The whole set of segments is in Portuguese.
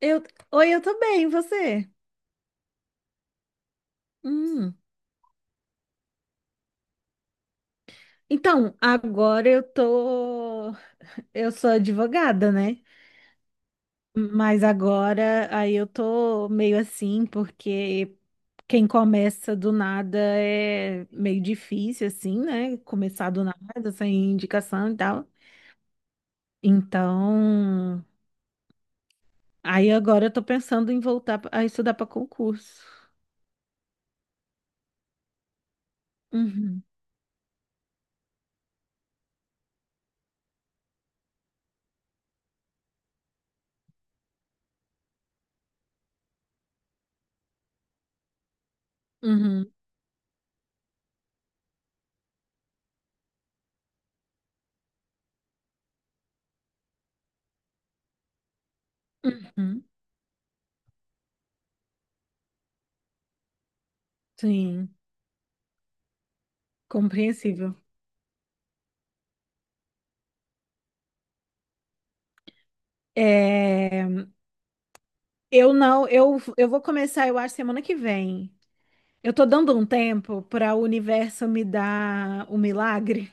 Eu, Oi, eu tô bem, e você? Hum. Então, eu sou advogada, né? Mas agora aí eu tô meio assim, porque quem começa do nada é meio difícil assim, né? Começar do nada, sem indicação e tal. Então, aí agora eu tô pensando em voltar a estudar para concurso. Uhum, uhum, uhum. Sim, compreensível. É... Eu não, eu vou começar, eu acho, semana que vem. Eu tô dando um tempo para o universo me dar o milagre,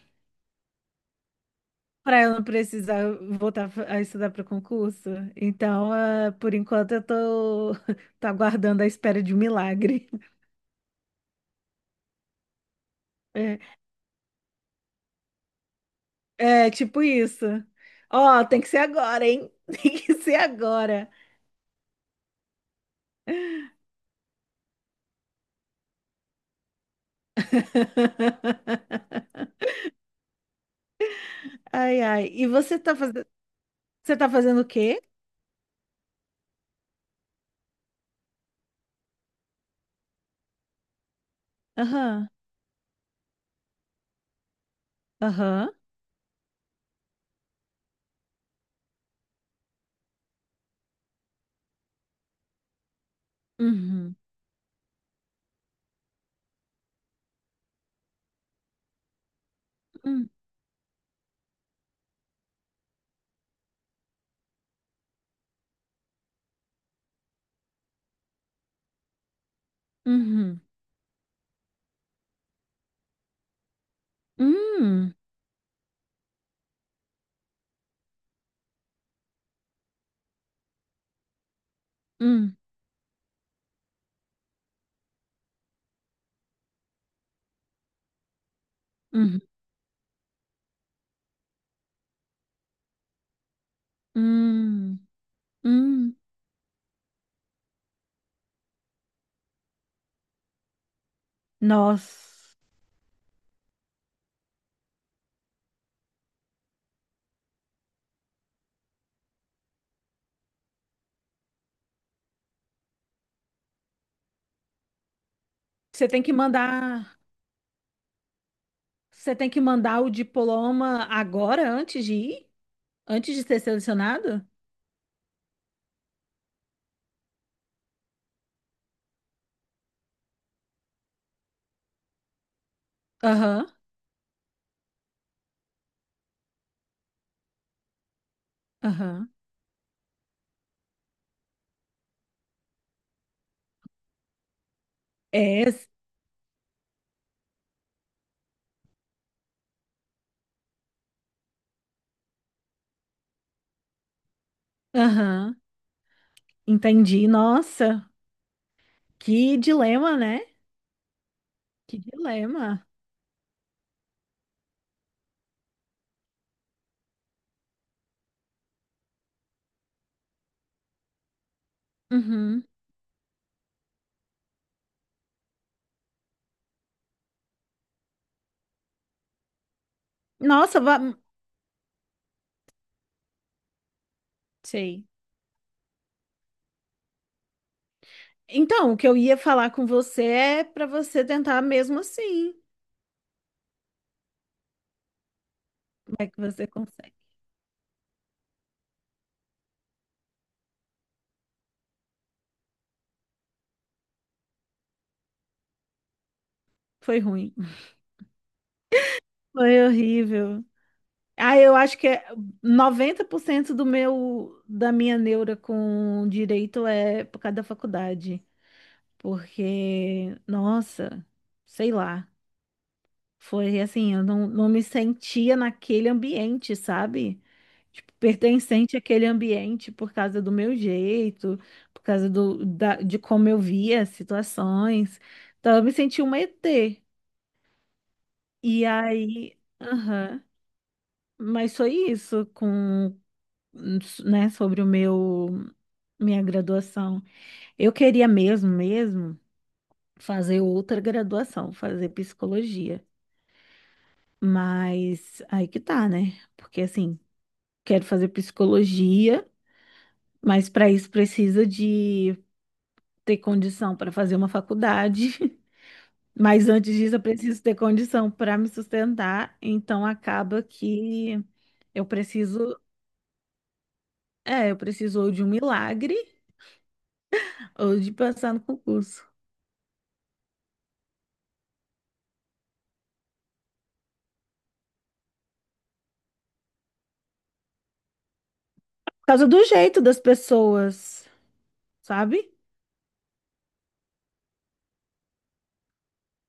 para eu não precisar voltar a estudar para o concurso. Então, por enquanto, eu tô, tô aguardando a espera de um milagre. É, tipo isso. Ó, tem que ser agora, hein? Tem que ser agora. Ai, ai. E você tá fazendo o quê? Aham, aham. Uhum. Uhum. Uhum. Hum, hum, hum, hum, hum. Nossa. Você tem que mandar, você tem que mandar o diploma agora, antes de ir? Antes de ser selecionado? Aham, aham. É, s- aham. Entendi. Nossa, que dilema, né? Que dilema. Uhum. Nossa, sei. Então, o que eu ia falar com você é para você tentar mesmo assim. Como é que você consegue? Foi ruim. Foi horrível. Ah, eu acho que é 90% do meu da minha neura com direito é por causa da faculdade, porque nossa, sei lá, foi assim, eu não me sentia naquele ambiente, sabe? Tipo, pertencente àquele ambiente por causa do meu jeito, por causa de como eu via as situações. Então eu me senti uma ET. E aí, aham, mas foi isso com né, sobre o meu minha graduação. Eu queria mesmo, mesmo fazer outra graduação, fazer psicologia. Mas aí que tá, né? Porque assim, quero fazer psicologia, mas para isso precisa de ter condição para fazer uma faculdade. Mas antes disso, eu preciso ter condição para me sustentar, então acaba que eu preciso, eu preciso ou de um milagre ou de passar no concurso. Por causa do jeito das pessoas, sabe?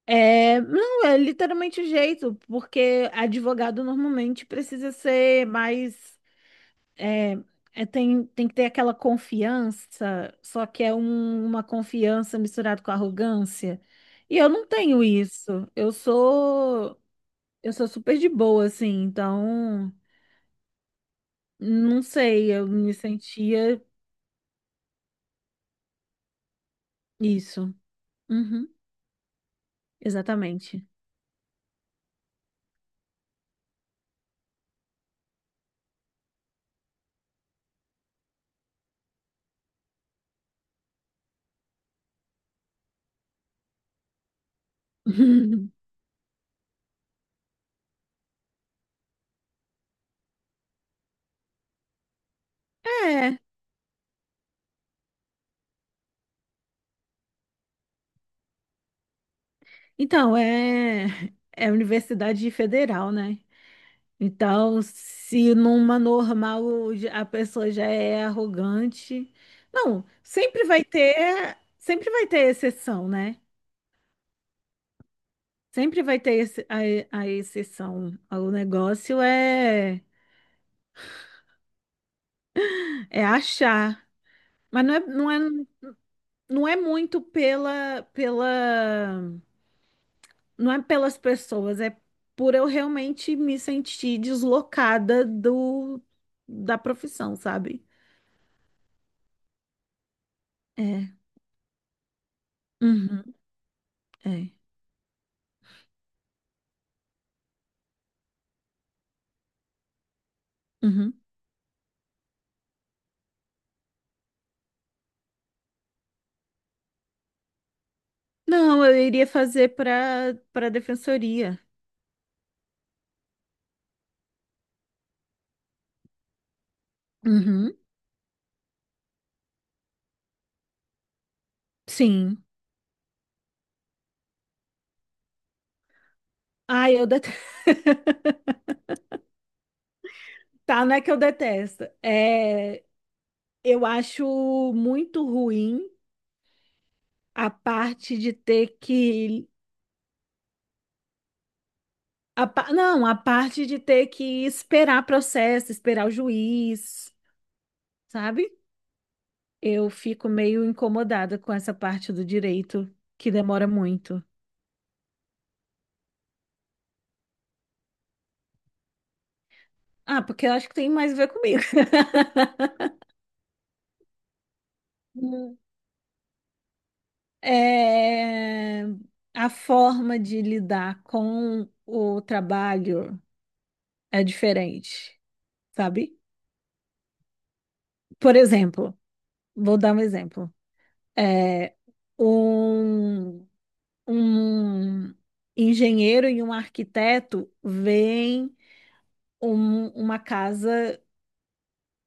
É, não, é literalmente o jeito, porque advogado normalmente precisa ser mais. É, tem que ter aquela confiança, só que é uma confiança misturada com arrogância. E eu não tenho isso. Eu sou super de boa, assim, então não sei, eu me sentia isso. Uhum, exatamente. É. Então, é universidade federal, né? Então, se a pessoa já é arrogante, não, sempre vai ter exceção, né? Sempre vai ter a exceção. O negócio é achar, mas não é muito pela não é pelas pessoas, é por eu realmente me sentir deslocada do da profissão, sabe? É. Uhum, é. Uhum. Não, eu iria fazer para defensoria. Uhum. Sim. Ai, eu detesto. Tá, não é que eu detesto. É, eu acho muito ruim a parte de ter que a pa- Não, a parte de ter que esperar processo, esperar o juiz, sabe? Eu fico meio incomodada com essa parte do direito que demora muito. Ah, porque eu acho que tem mais a ver comigo. Hum. É, A forma de lidar com o trabalho é diferente, sabe? Por exemplo, vou dar um exemplo. É, um, um engenheiro e um arquiteto veem uma casa.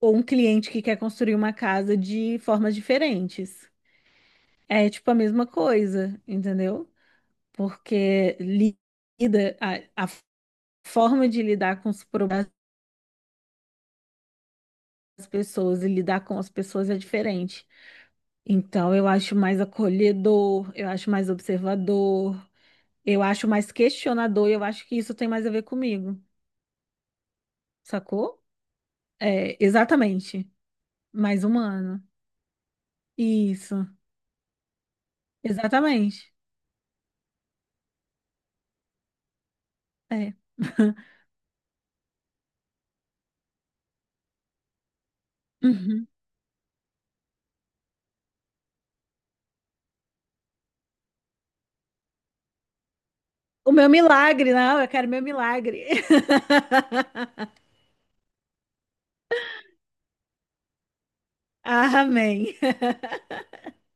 Ou um cliente que quer construir uma casa de formas diferentes. É tipo a mesma coisa, entendeu? Porque a forma de lidar com os problemas das pessoas e lidar com as pessoas é diferente. Então eu acho mais acolhedor, eu acho mais observador, eu acho mais questionador, e eu acho que isso tem mais a ver comigo, sacou? É, exatamente, mais humano. Isso, exatamente. É. O meu milagre, não, eu quero meu milagre. Amém.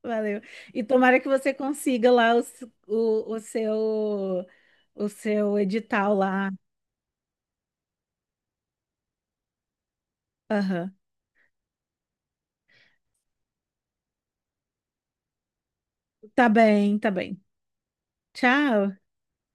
Valeu. E tomara que você consiga lá o, s- o seu edital lá. Aham. Tá bem, tá bem. Tchau.